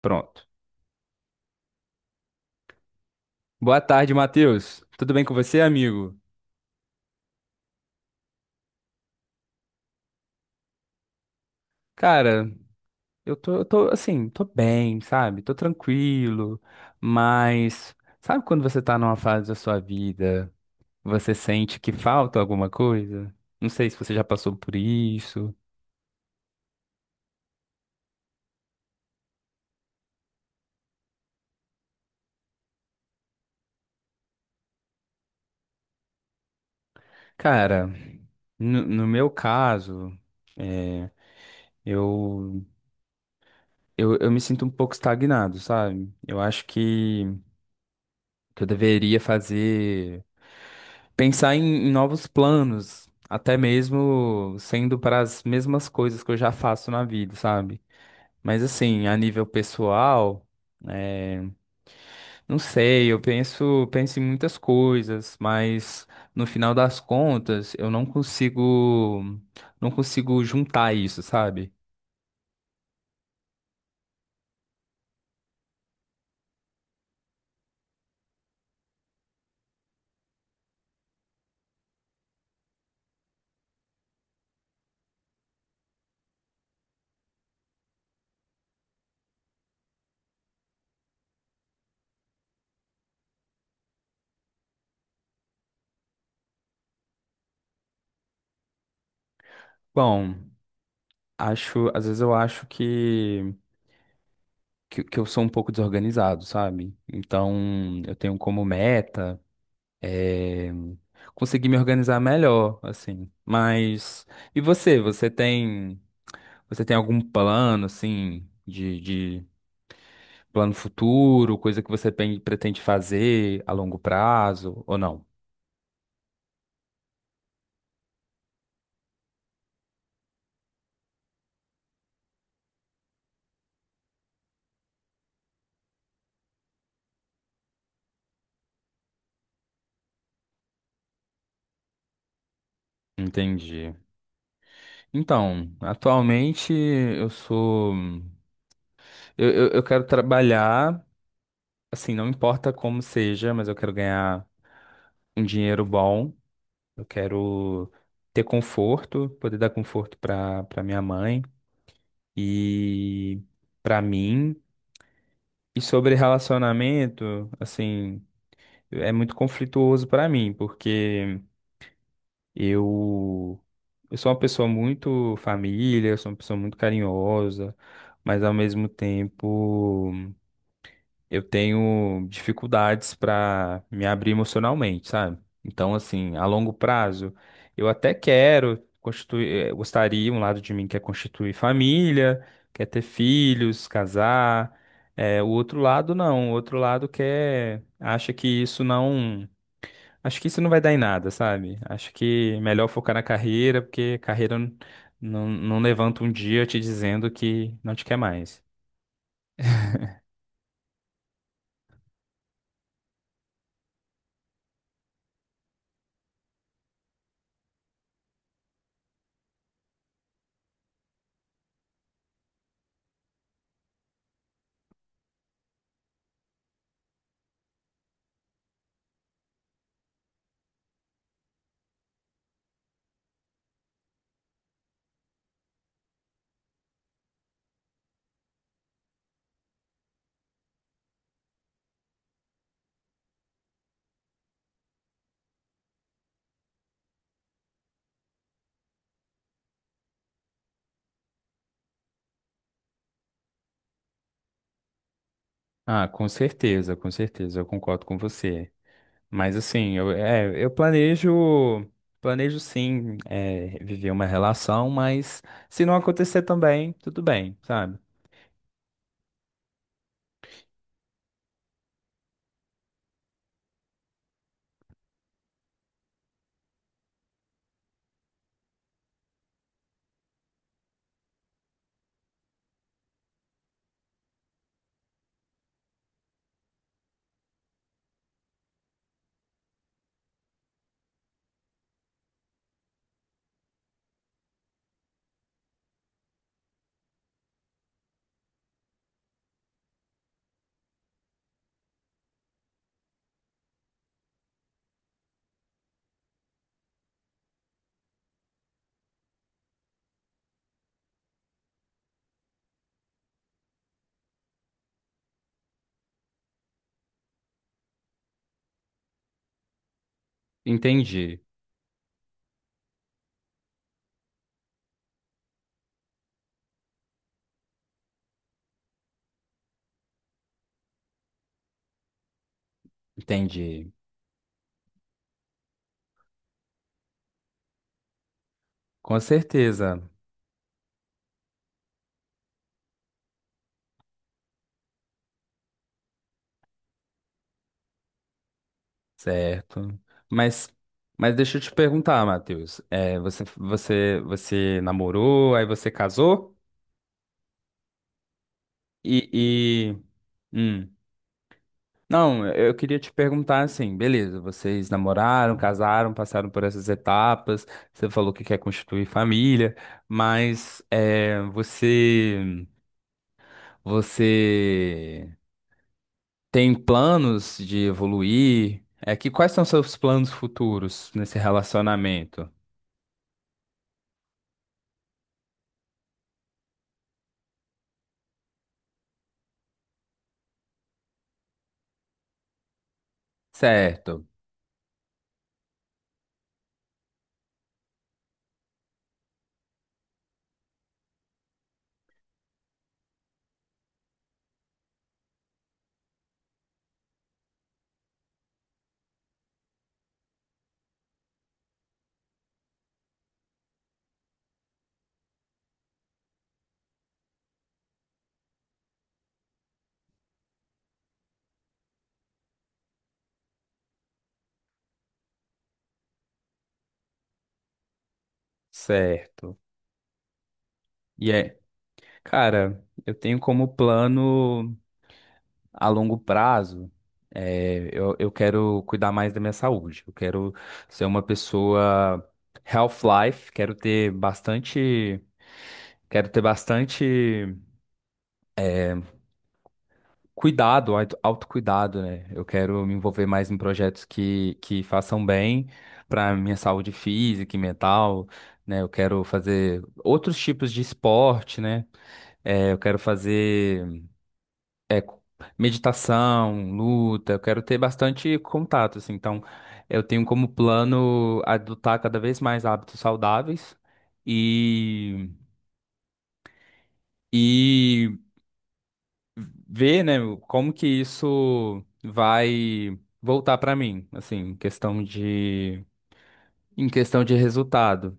Pronto. Boa tarde, Matheus. Tudo bem com você, amigo? Cara, eu tô assim, tô bem, sabe? Tô tranquilo, mas sabe quando você tá numa fase da sua vida, você sente que falta alguma coisa? Não sei se você já passou por isso. Cara, no meu caso, é, eu, eu me sinto um pouco estagnado, sabe? Eu acho que eu deveria fazer. Pensar em novos planos, até mesmo sendo para as mesmas coisas que eu já faço na vida, sabe? Mas assim, a nível pessoal, é, não sei, eu penso em muitas coisas, mas no final das contas, eu não consigo, não consigo juntar isso, sabe? Bom, acho, às vezes eu acho que eu sou um pouco desorganizado, sabe? Então, eu tenho como meta eh, conseguir me organizar melhor, assim. Mas e você? Você tem algum plano, assim, de plano futuro, coisa que você pretende fazer a longo prazo ou não? Entendi. Então, atualmente eu quero trabalhar, assim, não importa como seja, mas eu quero ganhar um dinheiro bom. Eu quero ter conforto, poder dar conforto para minha mãe. E para mim, e sobre relacionamento, assim, é muito conflituoso para mim, porque eu eu sou uma pessoa muito família, eu sou uma pessoa muito carinhosa, mas ao mesmo tempo eu tenho dificuldades para me abrir emocionalmente, sabe? Então, assim, a longo prazo, eu até quero constituir, gostaria, um lado de mim quer constituir família, quer ter filhos, casar. O outro lado não, o outro lado quer, acha que isso não, acho que isso não vai dar em nada, sabe? Acho que é melhor focar na carreira, porque carreira não levanta um dia te dizendo que não te quer mais. Ah, com certeza, eu concordo com você. Mas assim, eu planejo sim, viver uma relação, mas se não acontecer também, tudo bem, sabe? Entendi, entendi. Com certeza, certo. Mas, mas deixa eu te perguntar, Matheus. É, você namorou, aí você casou? E, e, hum, Não, eu queria te perguntar assim, beleza, vocês namoraram, casaram, passaram por essas etapas, você falou que quer constituir família, mas é, você tem planos de evoluir? É que quais são seus planos futuros nesse relacionamento? Certo, certo. E cara, eu tenho como plano a longo prazo, eu quero cuidar mais da minha saúde. Eu quero ser uma pessoa health life, quero ter bastante cuidado, autocuidado, né? Eu quero me envolver mais em projetos que façam bem para minha saúde física e mental, né? Eu quero fazer outros tipos de esporte, né? É, eu quero fazer É, meditação, luta, eu quero ter bastante contato, assim. Então, eu tenho como plano adotar cada vez mais hábitos saudáveis e, e ver, né, como que isso vai voltar para mim, assim, em questão de resultado.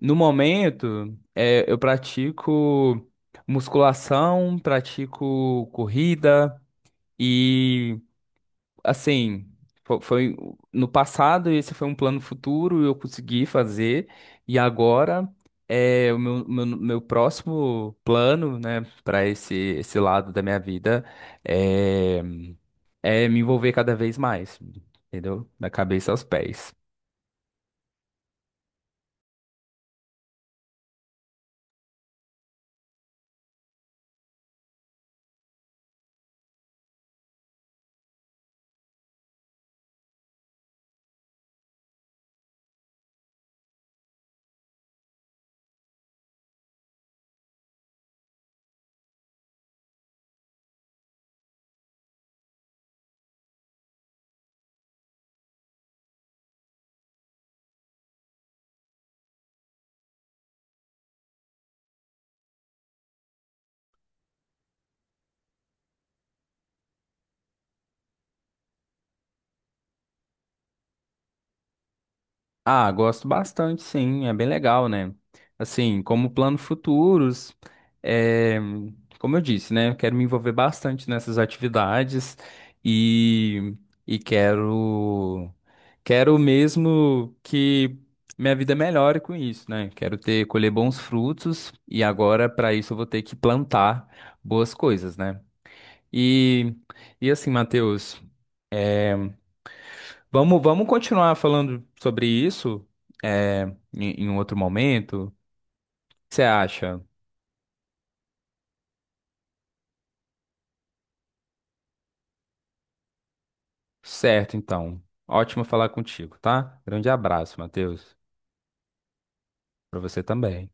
No momento, eu pratico musculação, pratico corrida e assim, foi, no passado, esse foi um plano futuro, eu consegui fazer, e agora é o meu próximo plano, né, para esse lado da minha vida é, é me envolver cada vez mais, entendeu? Da cabeça aos pés. Ah, gosto bastante, sim, é bem legal, né? Assim, como plano futuros, é, como eu disse, né? Eu quero me envolver bastante nessas atividades e, e quero mesmo que minha vida melhore com isso, né? Quero ter, colher bons frutos e agora, para isso, eu vou ter que plantar boas coisas, né? E, e assim, Matheus. Vamos continuar falando sobre isso, é, em um outro momento. O que você acha? Certo, então. Ótimo falar contigo, tá? Grande abraço, Matheus. Pra você também.